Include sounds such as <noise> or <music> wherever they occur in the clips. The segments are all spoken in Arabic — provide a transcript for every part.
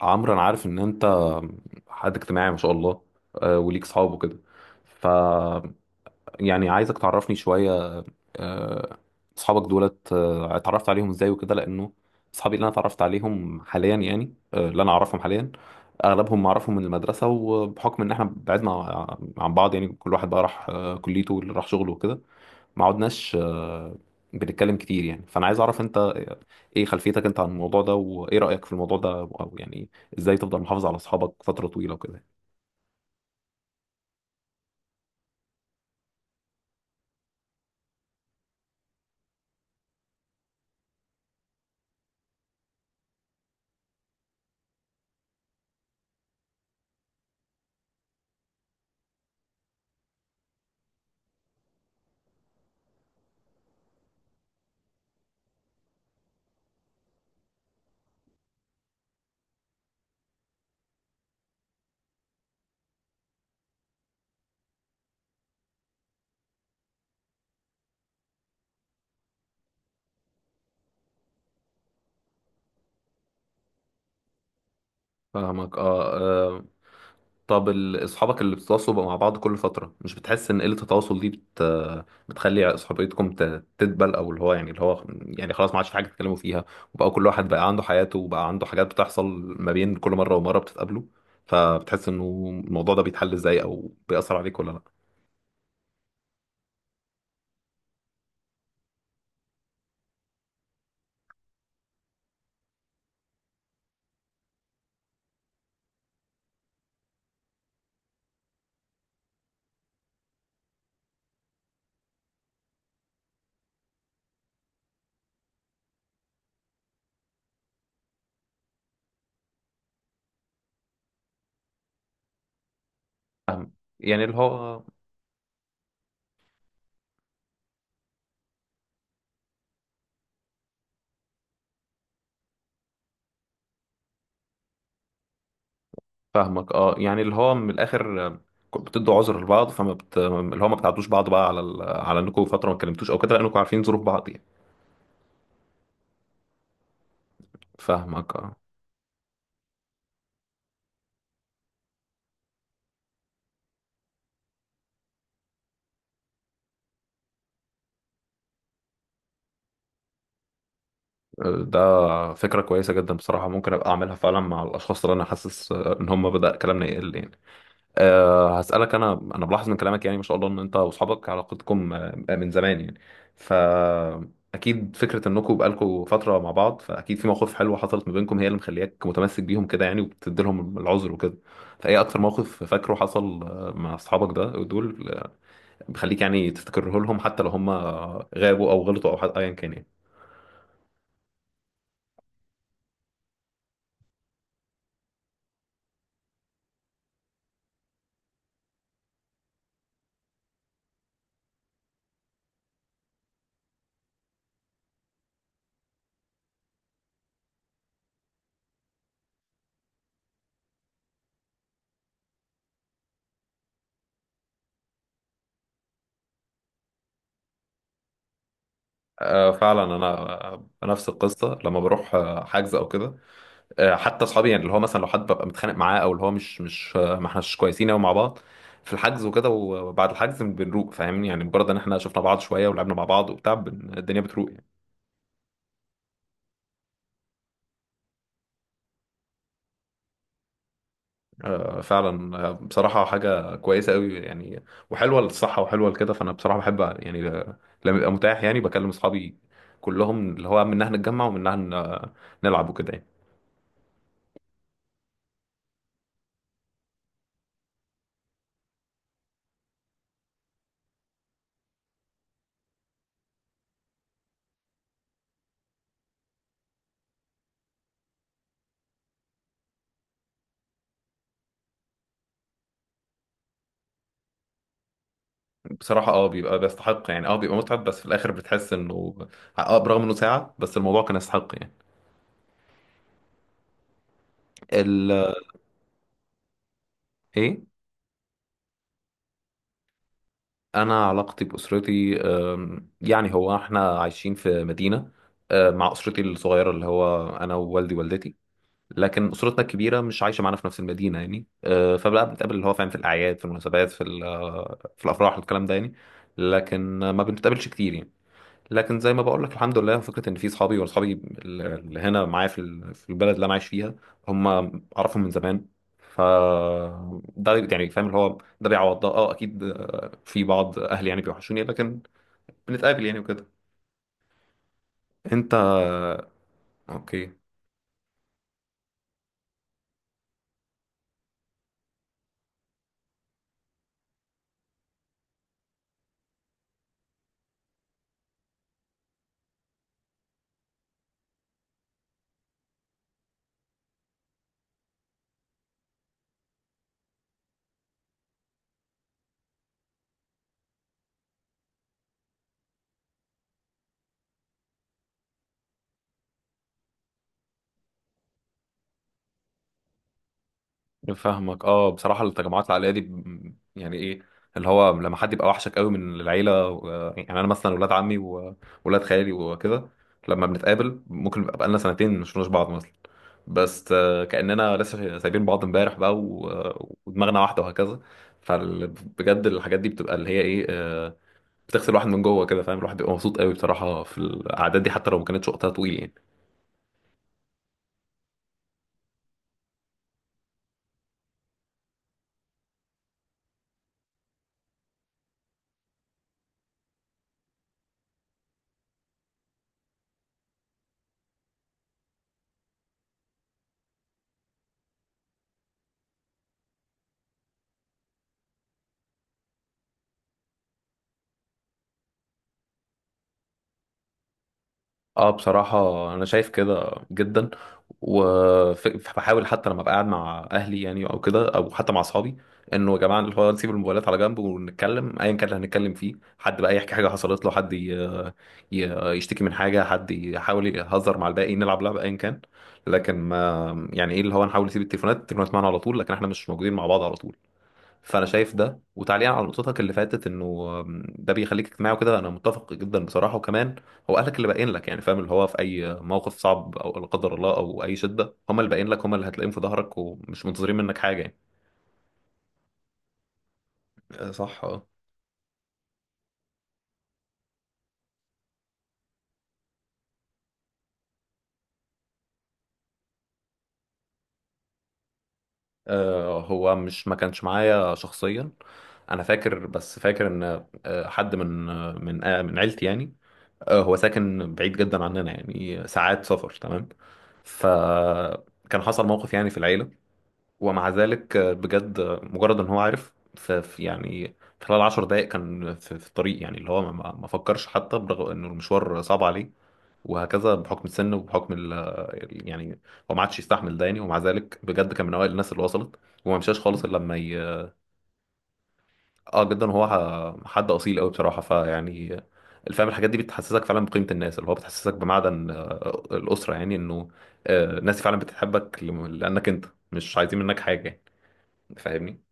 عمرو انا عارف ان انت حد اجتماعي ما شاء الله. وليك صحاب وكده. ف يعني عايزك تعرفني شوية. آه، اصحابك دولت، اتعرفت عليهم ازاي وكده، لانه اصحابي اللي انا اتعرفت عليهم حاليا يعني، اللي انا اعرفهم حاليا اغلبهم معرفهم من المدرسه، وبحكم ان احنا بعدنا عن بعض يعني كل واحد بقى راح كليته واللي راح شغله وكده. ما عدناش بنتكلم كتير يعني. فانا عايز اعرف انت ايه خلفيتك انت عن الموضوع ده، وايه رايك في الموضوع ده، او يعني ازاي تفضل محافظ على اصحابك فتره طويله وكده. فاهمك، اه. طب اصحابك اللي بتتواصلوا بقى مع بعض كل فترة، مش بتحس ان قلة التواصل دي بتخلي صحبيتكم تدبل، او اللي هو يعني اللي هو يعني خلاص ما عادش في حاجة تتكلموا فيها، وبقى كل واحد بقى عنده حياته وبقى عنده حاجات بتحصل ما بين كل مرة ومرة بتتقابلوا؟ فبتحس انه الموضوع ده بيتحل ازاي، او بيأثر عليك ولا لا؟ يعني اللي هو. فاهمك، اه. يعني اللي هو من الاخر بتدوا عذر لبعض، اللي هو ما بتعدوش بعض بقى على على انكم فترة ما اتكلمتوش او كده، لانكم عارفين ظروف بعض يعني. فاهمك، اه. ده فكرة كويسة جدا بصراحة، ممكن أبقى أعملها فعلا مع الأشخاص اللي أنا حاسس إن هم بدأ كلامنا يقل يعني. أه، هسألك. أنا بلاحظ من كلامك يعني ما شاء الله إن أنت وأصحابك علاقتكم من زمان يعني. فأكيد فكرة إنكم بقالكم فترة مع بعض، فأكيد في مواقف حلوة حصلت ما بينكم هي اللي مخلياك متمسك بيهم كده يعني، وبتدي لهم العذر وكده. فإيه أكتر موقف فاكره حصل مع أصحابك ده دول، بيخليك يعني تفتكره لهم حتى لو هم غابوا أو غلطوا أو حتى أيا كان يعني. فعلا، انا نفس القصه لما بروح حجز او كده. حتى اصحابي يعني اللي هو مثلا لو حد ببقى متخانق معاه، او اللي هو مش ما احناش كويسين قوي مع بعض في الحجز وكده، وبعد الحجز بنروق فاهمني. يعني مجرد ان احنا شفنا بعض شويه ولعبنا مع بعض وبتاع الدنيا بتروق يعني. فعلا. بصراحه حاجه كويسه قوي يعني، وحلوه للصحه وحلوه لكده. فانا بصراحه بحب يعني، لما يبقى متاح يعني بكلم اصحابي كلهم، اللي هو منها نتجمع ومنها نلعب وكده يعني. بصراحة اه بيبقى بيستحق يعني، اه بيبقى متعب بس في الآخر بتحس إنه اه برغم إنه ساعة بس الموضوع كان يستحق يعني. ال إيه؟ أنا علاقتي بأسرتي يعني هو إحنا عايشين في مدينة مع أسرتي الصغيرة اللي هو أنا ووالدي ووالدتي، لكن أسرتنا الكبيرة مش عايشة معانا في نفس المدينة يعني. فبقى بنتقابل اللي هو فاهم في الأعياد، في المناسبات، في في الأفراح الكلام ده يعني. لكن ما بنتقابلش كتير يعني. لكن زي ما بقول لك الحمد لله فكره ان في اصحابي، واصحابي اللي هنا معايا في في البلد اللي انا عايش فيها هم اعرفهم من زمان. ف ده يعني فاهم اللي هو ده بيعوض ده. اه اكيد في بعض اهلي يعني بيوحشوني، لكن بنتقابل يعني وكده. انت؟ اوكي. فاهمك، اه. بصراحه التجمعات العائليه دي يعني ايه اللي هو لما حد يبقى وحشك قوي من العيله و... يعني انا مثلا ولاد عمي وولاد خالي وكده لما بنتقابل ممكن يبقى بقالنا سنتين مش شفناش بعض مثلا، بس كأننا لسه سايبين بعض امبارح بقى ودماغنا واحدة وهكذا. فبجد الحاجات دي بتبقى اللي هي ايه، بتغسل الواحد من جوه كده فاهم. الواحد بيبقى مبسوط قوي بصراحة في الأعداد دي حتى لو ما كانتش وقتها طويل يعني. اه بصراحة أنا شايف كده جدا، وبحاول حتى لما ببقى قاعد مع أهلي يعني، أو كده، أو حتى مع أصحابي، إنه يا جماعة اللي هو نسيب الموبايلات على جنب ونتكلم أيا كان اللي هنتكلم فيه. حد بقى يحكي حاجة حصلت له، حد يشتكي من حاجة، حد يحاول يهزر مع الباقي، نلعب لعبة أيا كان، لكن ما يعني إيه اللي هو نحاول نسيب التليفونات. التليفونات معانا على طول، لكن إحنا مش موجودين مع بعض على طول. فانا شايف ده. وتعليقا على نقطتك اللي فاتت انه ده بيخليك اجتماعي وكده انا متفق جدا بصراحه. وكمان هو اهلك اللي باين لك يعني فاهم، اللي هو في اي موقف صعب او لا قدر الله او اي شده هم اللي باين لك، هم اللي هتلاقيهم في ظهرك، ومش منتظرين منك حاجه يعني. صح، اه. هو مش ما كانش معايا شخصيا، انا فاكر، بس فاكر ان حد من من عيلتي يعني، هو ساكن بعيد جدا عننا يعني ساعات سفر تمام. فكان حصل موقف يعني في العيله، ومع ذلك بجد مجرد ان هو عارف يعني في خلال 10 دقائق كان في الطريق يعني، اللي هو ما فكرش حتى، برغم انه المشوار صعب عليه وهكذا بحكم السن وبحكم يعني هو ما عادش يستحمل ده يعني. ومع ذلك بجد كان من اوائل الناس اللي وصلت، وما مشاش خالص الا لما ي... اه جدا هو حد اصيل قوي بصراحه. فيعني الفهم الحاجات دي بتحسسك فعلا بقيمه الناس، اللي هو بتحسسك بمعدن الاسره، يعني انه الناس فعلا بتحبك لانك انت، مش عايزين منك حاجه يعني. فاهمني؟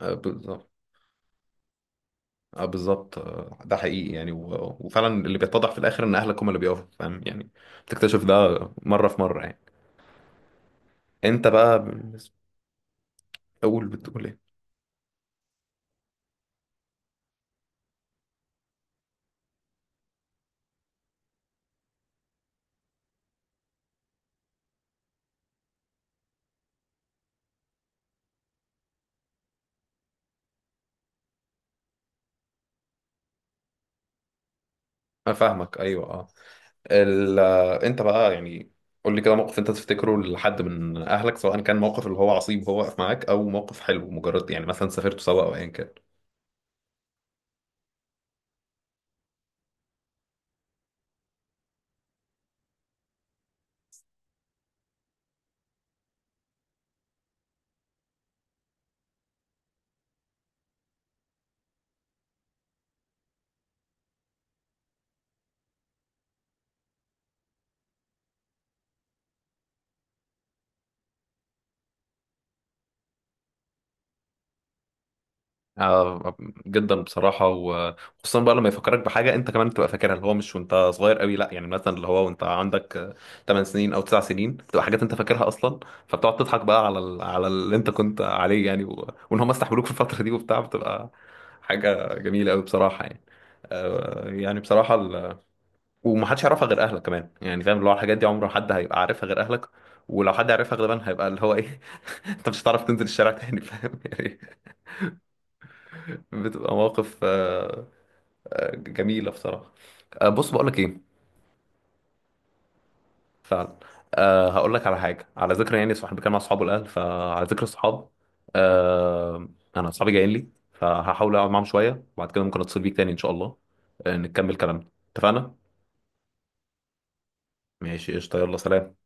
بالظبط. اه بالظبط ده حقيقي يعني و... وفعلا اللي بيتضح في الاخر ان اهلك هم اللي بيقفوا فاهم يعني. بتكتشف ده مره في مره يعني. انت بقى بالنسبه، اقول، بتقول ايه؟ انا فاهمك، ايوه، اه. ال... آه، انت بقى يعني قول لي كده موقف انت تفتكره لحد من اهلك، سواء كان موقف اللي هو عصيب وهو واقف معاك، او موقف حلو مجرد يعني مثلا سافرتوا سوا او ايا كان. آه، جدا بصراحة. وخصوصا بقى لما يفكرك بحاجة انت كمان تبقى فاكرها، اللي هو مش وانت صغير قوي لا، يعني مثلا اللي هو وانت عندك 8 سنين او 9 سنين، بتبقى حاجات انت فاكرها اصلا. فبتقعد تضحك بقى على على اللي انت كنت عليه يعني، و... وان هم استحملوك في الفترة دي وبتاع، بتبقى حاجة جميلة قوي بصراحة يعني. يعني بصراحة ومحدش يعرفها غير اهلك كمان يعني فاهم، اللي هو الحاجات دي عمره حد هيبقى عارفها غير اهلك. ولو حد عرفها غالبا هيبقى اللي هو ايه <laughs> انت مش هتعرف تنزل الشارع تاني فاهم يعني. بتبقى مواقف جميلة بصراحة. بص، بقول لك ايه، فعلا. أه هقول لك على حاجة، على ذكر يعني صاحب كان مع اصحابه الاهل، فعلى ذكر الصحاب، أه، انا اصحابي جايين لي، فهحاول اقعد معاهم شوية وبعد كده ممكن اتصل بيك تاني ان شاء الله، نكمل كلامنا. اتفقنا؟ ماشي قشطة، يلا سلام.